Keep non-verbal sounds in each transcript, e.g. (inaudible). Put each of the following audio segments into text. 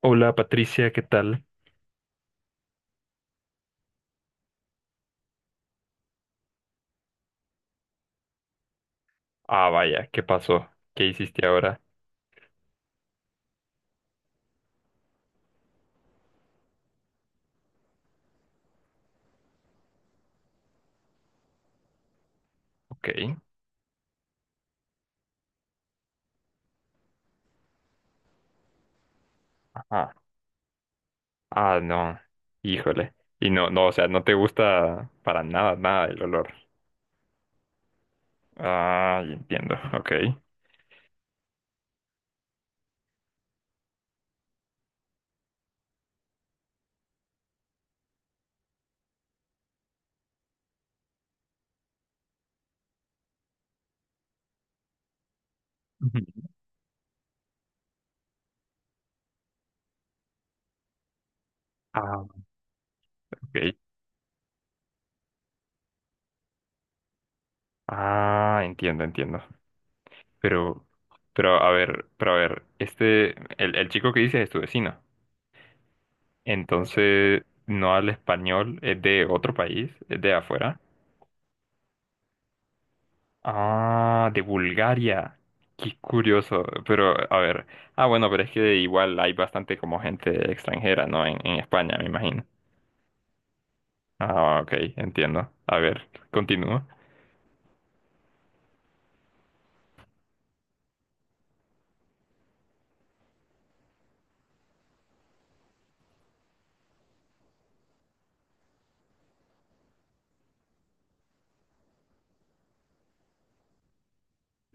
Hola Patricia, ¿qué tal? Ah, vaya, ¿qué pasó? ¿Qué hiciste ahora? Ok. Ah, ah, no. Híjole. Y no, no, o sea, no te gusta para nada, nada el olor. Ah, ya entiendo. Ok. Ujú. Ah, ok. Ah, entiendo, entiendo. Pero, pero a ver, este, el chico que dices es tu vecino. Entonces, ¿no habla español? ¿Es de otro país? ¿Es de afuera? Ah, de Bulgaria. Qué curioso. Pero, a ver. Ah, bueno, pero es que igual hay bastante como gente extranjera, ¿no? En España, me imagino. Ah, ok, entiendo. A ver, continúo.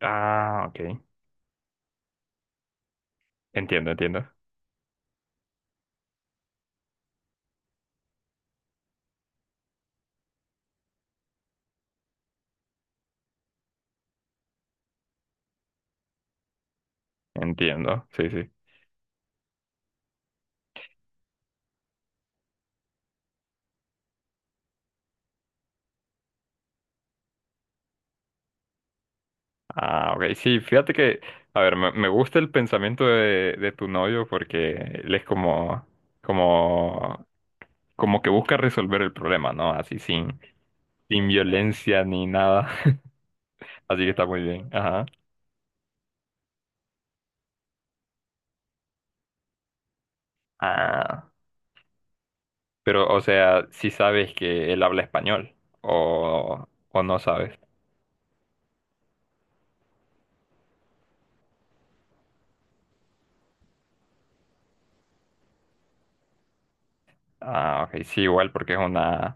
Ah, ok. Entiendo, entiendo. Entiendo. Sí, sí. Ah, ok. Sí, fíjate que, a ver, me gusta el pensamiento de tu novio porque él es como, como, como que busca resolver el problema, ¿no? Así sin, sin violencia ni nada. (laughs) Así que está muy bien. Ajá. Ah, pero, o sea, si sabes que él habla español o no sabes. Ah, ok, sí, igual porque es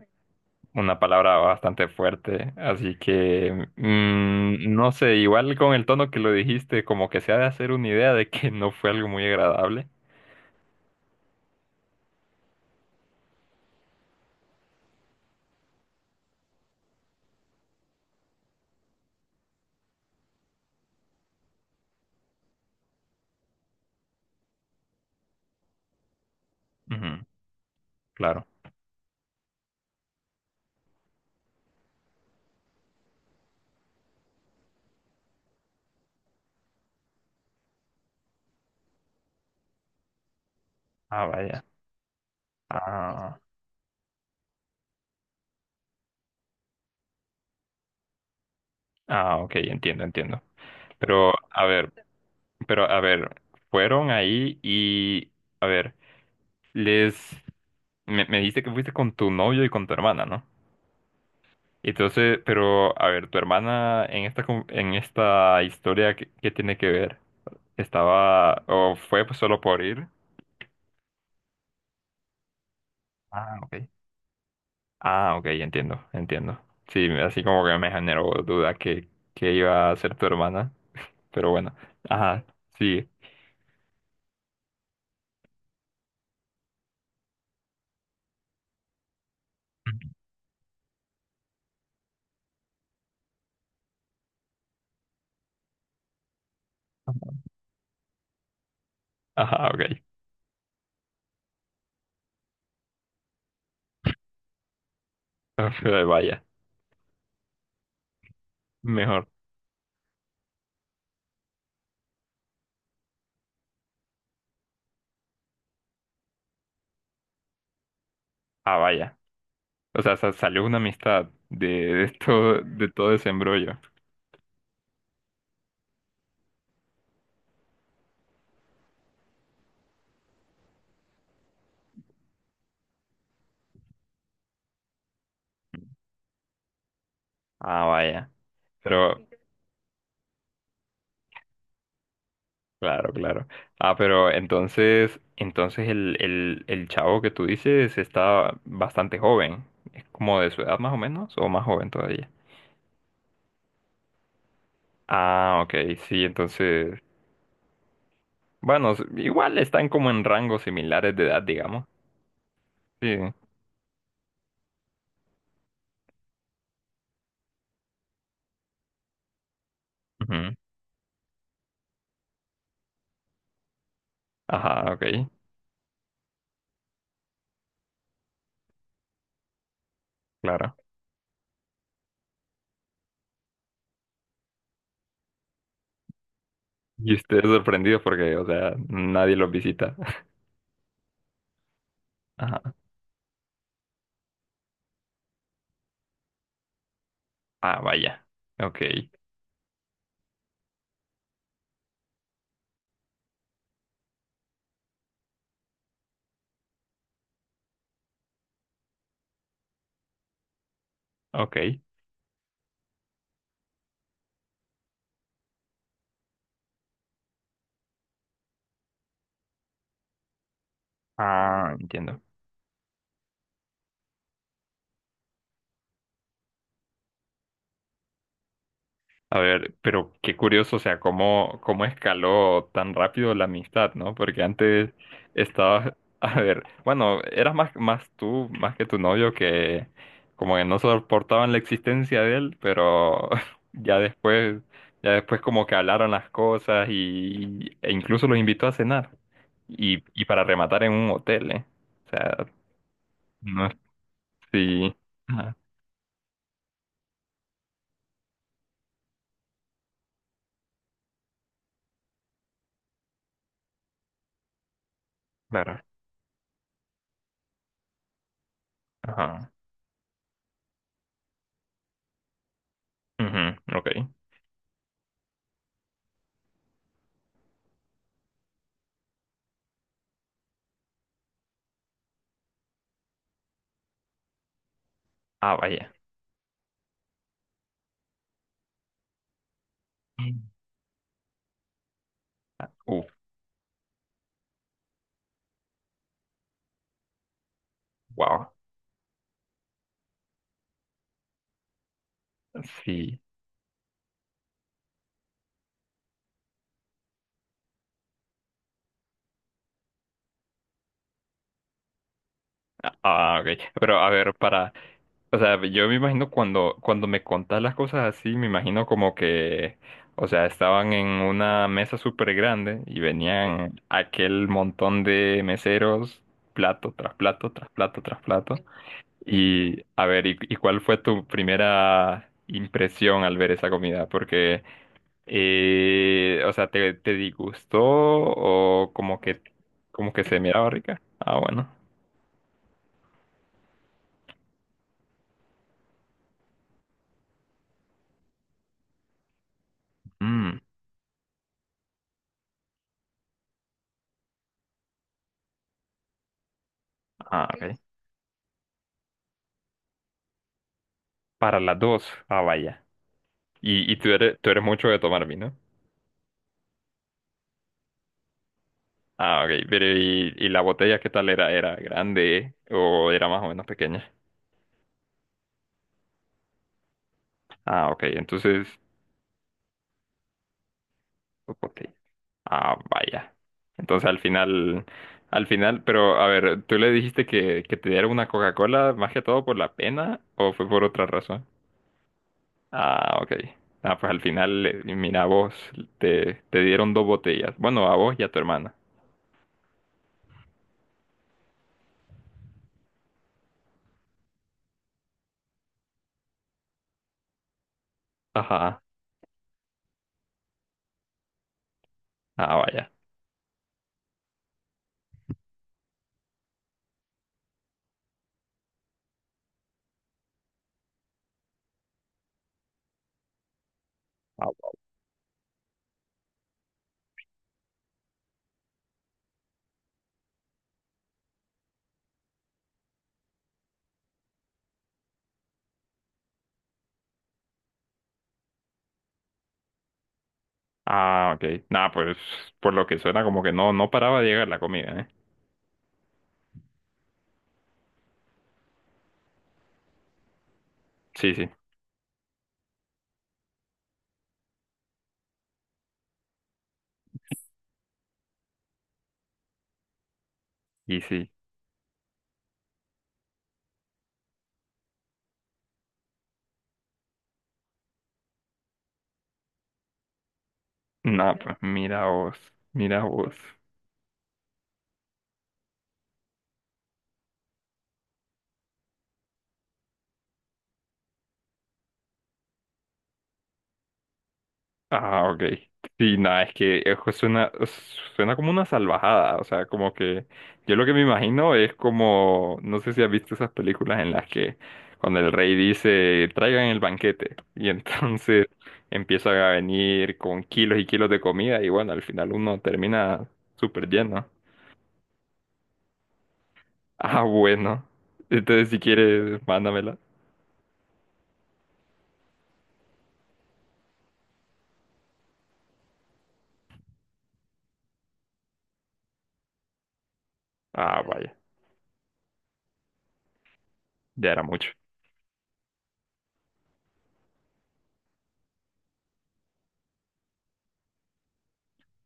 una palabra bastante fuerte, así que no sé, igual con el tono que lo dijiste, como que se ha de hacer una idea de que no fue algo muy agradable. Ujú, claro. Ah, vaya. Ah, ah, ok, entiendo, entiendo. Pero, a ver, pero a ver, fueron ahí y, a ver, les, me dijiste que fuiste con tu novio y con tu hermana, ¿no? Entonces, pero, a ver, tu hermana en esta, con- en esta historia, ¿qué, qué tiene que ver? Estaba, o fue solo por ir. Ah, ok. Ah, ok, entiendo, entiendo. Sí, así como que me generó duda que iba a ser tu hermana, pero bueno. Ajá, sí, ajá, ok. (laughs) Vaya, mejor. Ah, vaya. O sea, sa- salió una amistad de todo ese embrollo. Ah, vaya. Pero, claro, claro. Ah, pero entonces, entonces el chavo que tú dices está bastante joven. ¿Es como de su edad más o menos? ¿O más joven todavía? Ah, ok, sí, entonces, bueno, s- igual están como en rangos similares de edad, digamos. Sí. Ujú. Ajá, ok, claro. Y ustedes sorprendidos porque, o sea, nadie los visita. (laughs) Ajá. Ah, vaya. Ok, ok. Ah, entiendo. A ver, pero qué curioso, o sea, cómo, cómo escaló tan rápido la amistad, ¿no? Porque antes estabas, (laughs) a ver, bueno, eras más, más tú, más que tu novio, que como que no soportaban la existencia de él, pero (laughs) ya después, ya después como que hablaron las cosas y, e incluso los invitó a cenar. Y para rematar en un hotel, ¿eh? O sea, no, sí. Ajá, claro. Ajá. Ujú, ok. Ah, vaya. Mm. Ah, uf. Wow, sí. Ah, ok. Pero a ver, para, o sea, yo me imagino cuando, cuando me contás las cosas así, me imagino como que, o sea, estaban en una mesa súper grande y venían aquel montón de meseros, plato tras plato, tras plato, tras plato. Y a ver, y cuál fue tu primera impresión al ver esa comida? Porque, o sea, ¿te, te disgustó o como que se miraba rica? Ah, bueno. Mm, ah, sí. Ok. Para las dos. Ah, vaya. Y tú eres mucho de tomar vino. Ah, ok. Pero y la botella qué tal era? ¿Era grande o era más o menos pequeña? Ah, ok. Entonces, ok. Ah, vaya. Entonces al final, pero a ver, ¿tú le dijiste que te diera una Coca-Cola más que todo por la pena o fue por otra razón? Ah, ok. Ah, pues al final, mira, a vos te, te dieron dos botellas. Bueno, a vos y a tu hermana. Ajá. Ah, vaya. Ah, ok. Nada, pues por lo que suena como que no, no paraba de llegar la comida, ¿eh? Sí, sí. Y sí. Nada, pues mira vos, mira vos. Ah, ok. Sí, nada, es que eso suena, suena como una salvajada. O sea, como que yo lo que me imagino es como, no sé si has visto esas películas en las que cuando el rey dice, traigan el banquete. Y (laughs) entonces empiezan a venir con kilos y kilos de comida y bueno, al final uno termina súper lleno. Ah, bueno. Entonces, si quieres, mándamela. Ah, vaya. Ya era mucho.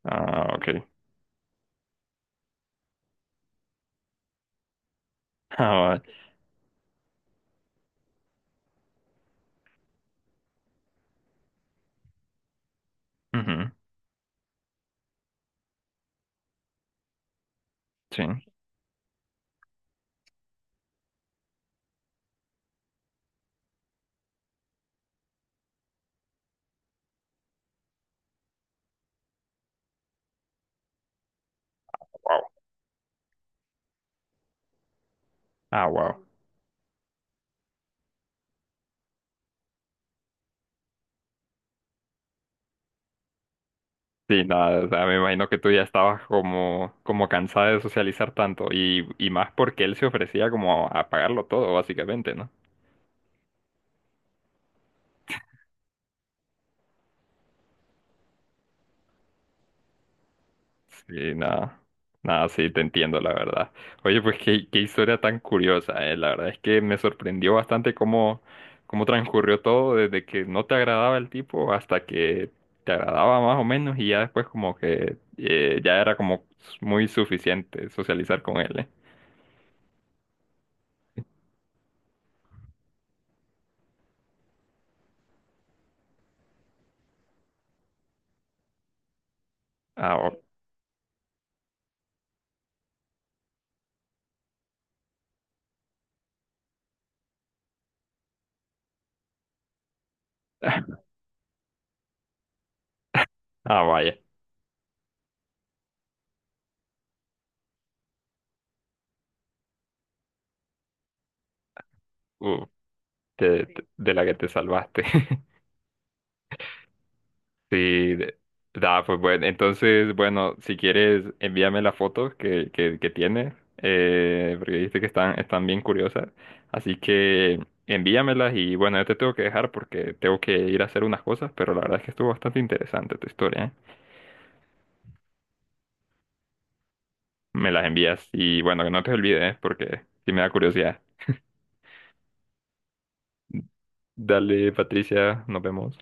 Ah, ok. (laughs) Ah, vaya. Ujú, sí. Ah, wow. Sí, nada, o sea, me imagino que tú ya estabas como, como cansada de socializar tanto y más porque él se ofrecía como a pagarlo todo, básicamente, ¿no? Sí, nada. Nada, sí, te entiendo, la verdad. Oye, pues qué, qué historia tan curiosa, eh. La verdad es que me sorprendió bastante cómo, cómo transcurrió todo, desde que no te agradaba el tipo hasta que te agradaba más o menos, y ya después como que ya era como muy suficiente socializar con él, eh. Ah, o- (laughs) ah, vaya. Uh, te- sí. Te- de la que te salvaste. (laughs) Sí, de- da, pues bueno, entonces, bueno, si quieres, envíame las fotos que tienes, porque viste que están, están bien curiosas, así que envíamelas y bueno, yo te tengo que dejar porque tengo que ir a hacer unas cosas, pero la verdad es que estuvo bastante interesante tu historia, ¿eh? Me las envías y bueno, que no te olvides, ¿eh? Porque sí me da curiosidad. Dale, Patricia, nos vemos.